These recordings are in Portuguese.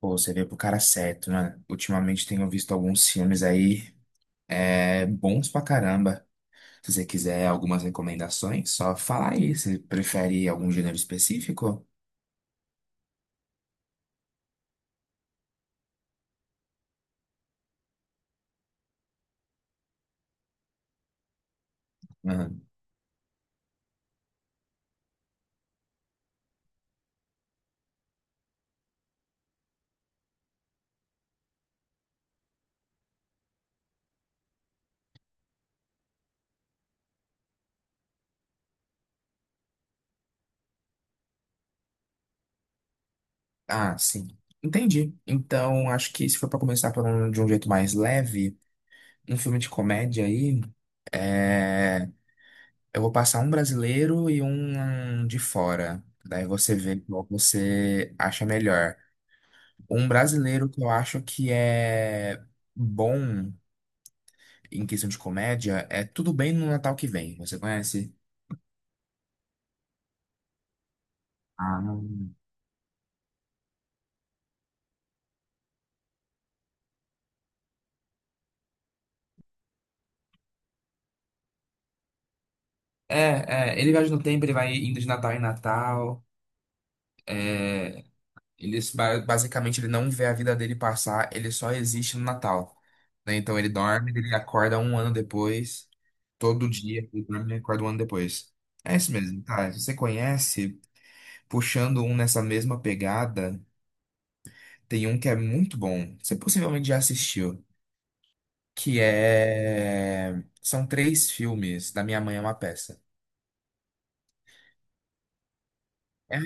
Pô, você veio pro cara certo, né? Ultimamente tenho visto alguns filmes aí, bons pra caramba. Se você quiser algumas recomendações, só fala aí. Você prefere algum gênero específico? Uhum. Ah, sim. Entendi. Então, acho que se for pra começar de um jeito mais leve, um filme de comédia aí, é, eu vou passar um brasileiro e um de fora. Daí você vê qual você acha melhor. Um brasileiro que eu acho que é bom em questão de comédia é Tudo Bem no Natal que Vem. Você conhece? Ah, não. Ele viaja no tempo, ele vai indo de Natal em Natal. É, ele, basicamente, ele não vê a vida dele passar, ele só existe no Natal. Né? Então ele dorme, ele acorda um ano depois, todo dia, ele dorme e acorda um ano depois. É isso mesmo, tá? Se você conhece, puxando um nessa mesma pegada. Tem um que é muito bom, você possivelmente já assistiu, são três filmes da Minha Mãe é uma Peça. É,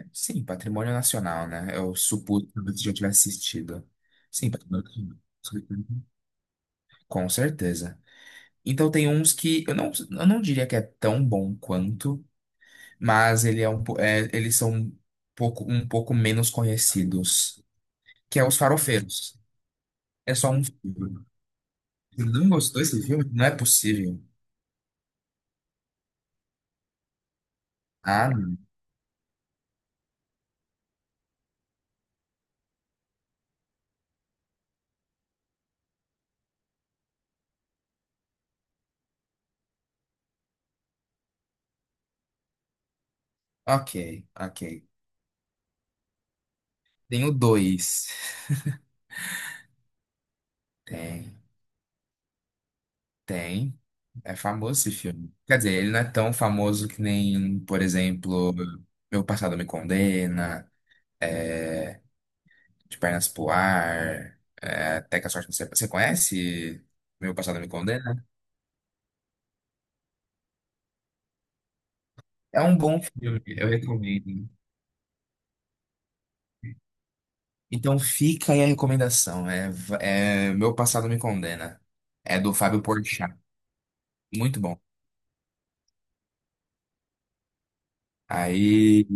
é- Sim, Patrimônio Nacional, né? Eu supus que você já tivesse assistido. Sim, Patrimônio Nacional. Com certeza. Então tem uns que eu não diria que é tão bom quanto, mas ele é um, eles são um um pouco menos conhecidos, que é Os Farofeiros. É só um filme. Você não gostou desse filme? Não é possível. Ah, ok, ok. Tenho dois. Tem, tem. É famoso esse filme. Quer dizer, ele não é tão famoso que nem, por exemplo, Meu Passado Me Condena, é, De Pernas pro Ar, Até que a Sorte Não Separe. Você conhece Meu Passado Me Condena? É um bom filme, eu recomendo. Então fica aí a recomendação. É, é Meu Passado Me Condena. É do Fábio Porchat. Muito bom. Aí.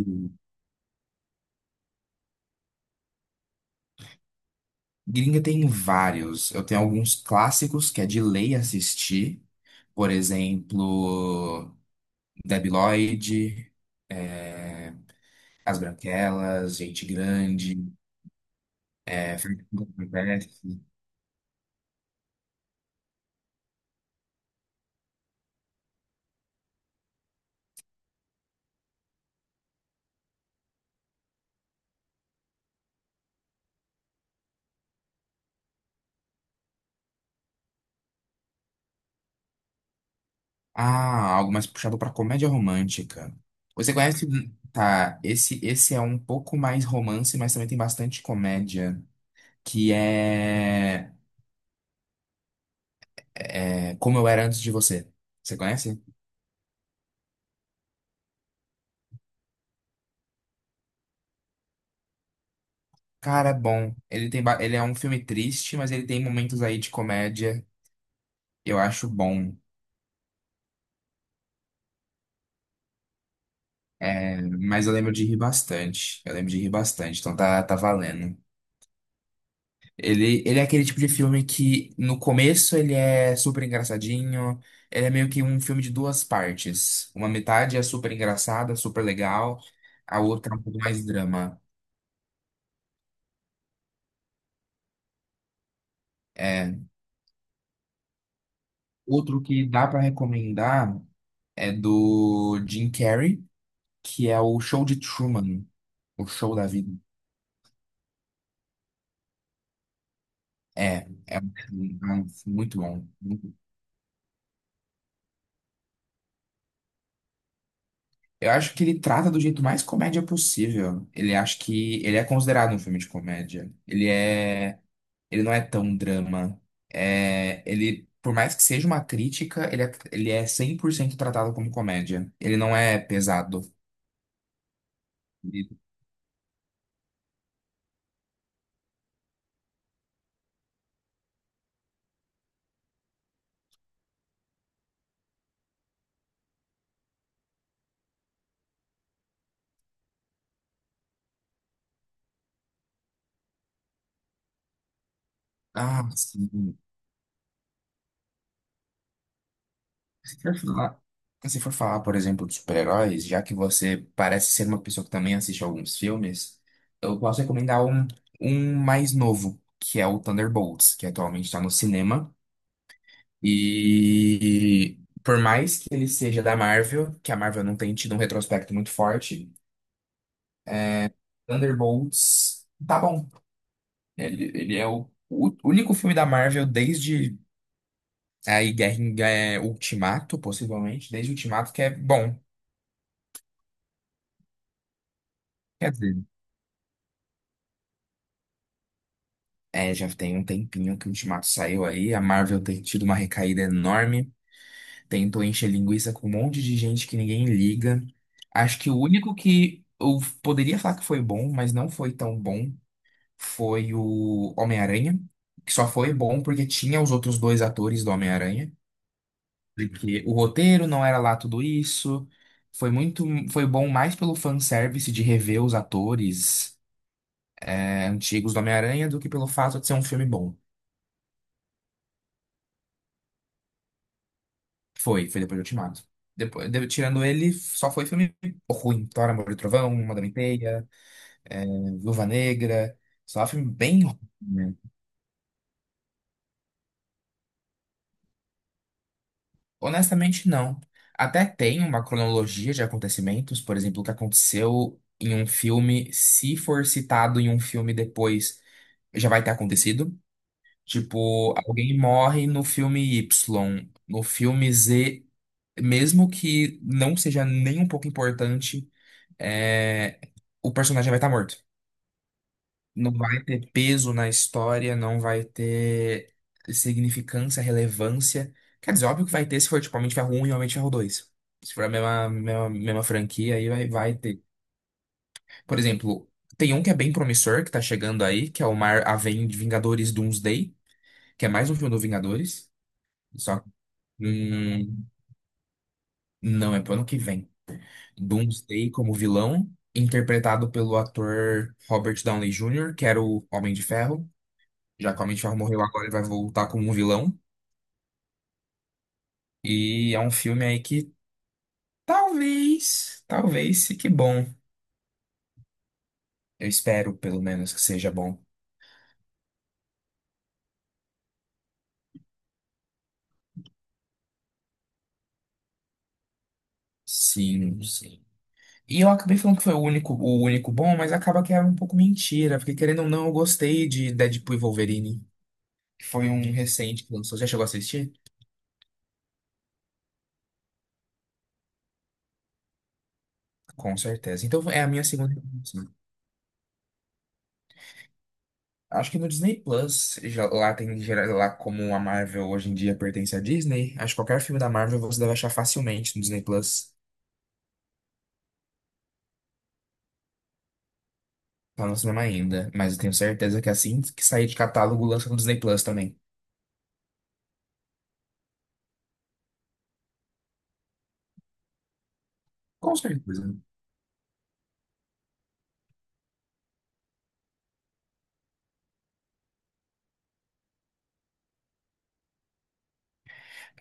Gringa tem vários. Eu tenho alguns clássicos que é de lei assistir. Por exemplo, Debi Lloyd, é, As Branquelas, Gente Grande, Frank Converse. Ah, algo mais puxado pra comédia romântica. Você conhece? Tá, esse é um pouco mais romance, mas também tem bastante comédia. Que é, é Como Eu Era Antes de Você. Você conhece? Cara, é bom. Ele é um filme triste, mas ele tem momentos aí de comédia. Eu acho bom. É, mas eu lembro de rir bastante. Eu lembro de rir bastante, então tá, tá valendo. Ele é aquele tipo de filme que no começo ele é super engraçadinho. Ele é meio que um filme de duas partes. Uma metade é super engraçada, super legal. A outra é um pouco mais drama. É, outro que dá pra recomendar é do Jim Carrey. Que é o show de Truman, o show da vida. É um filme muito bom. Eu acho que ele trata do jeito mais comédia possível. Ele Acho que ele é considerado um filme de comédia. Ele não é tão drama. Por mais que seja uma crítica, ele é 100% tratado como comédia. Ele não é pesado. Ele- ah, sim. Se for falar, se for falar, por exemplo, de super-heróis, já que você parece ser uma pessoa que também assiste alguns filmes, eu posso recomendar um mais novo, que é o Thunderbolts, que atualmente está no cinema. E por mais que ele seja da Marvel, que a Marvel não tem tido um retrospecto muito forte, Thunderbolts tá bom. O único filme da Marvel desde é, aí Guerra em- é, Ultimato, possivelmente, desde Ultimato, que é bom. Quer dizer. É, já tem um tempinho que o Ultimato saiu aí. A Marvel tem tido uma recaída enorme. Tentou encher linguiça com um monte de gente que ninguém liga. Acho que o único que eu poderia falar que foi bom, mas não foi tão bom, foi o Homem-Aranha. Que só foi bom porque tinha os outros dois atores do Homem-Aranha. Porque o roteiro não era lá tudo isso. Foi muito, foi bom mais pelo fanservice de rever os atores, antigos do Homem-Aranha do que pelo fato de ser um filme bom. Foi depois do Ultimato. Tirando ele, só foi filme ruim. Thor, Amor e Trovão, Madame Teia, Viúva Negra. Só filme bem ruim, né? Honestamente, não. Até tem uma cronologia de acontecimentos, por exemplo, o que aconteceu em um filme, se for citado em um filme depois, já vai ter acontecido. Tipo, alguém morre no filme Y, no filme Z, mesmo que não seja nem um pouco importante, é, o personagem vai estar morto. Não vai ter peso na história, não vai ter significância, relevância. Quer dizer, óbvio que vai ter se for tipo Homem de Ferro 1 e Homem de Ferro 2. Se for a mesma franquia, vai ter. Por exemplo, tem um que é bem promissor, que tá chegando aí, que é o Vingadores Doomsday, que é mais um filme do Vingadores. Só que hum, não é pro ano que vem. Doomsday como vilão, interpretado pelo ator Robert Downey Jr., que era o Homem de Ferro. Já que a Mitchell morreu agora, ele vai voltar como um vilão. E é um filme aí que talvez fique bom. Eu espero, pelo menos, que seja bom. Sim, sim. E eu acabei falando que foi o único bom, mas acaba que era um pouco mentira, porque querendo ou não, eu gostei de Deadpool e Wolverine, que foi um recente que lançou. Já chegou a assistir? Com certeza. Então é a minha segunda. Recomendação. Acho que no Disney Plus, lá como a Marvel hoje em dia pertence à Disney, acho que qualquer filme da Marvel você deve achar facilmente no Disney Plus. Tá no cinema ainda, mas eu tenho certeza que assim que sair de catálogo lança no Disney Plus também. Com certeza.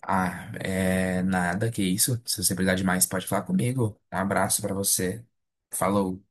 Ah, é nada, que isso. Se você precisar de mais, pode falar comigo. Um abraço pra você. Falou.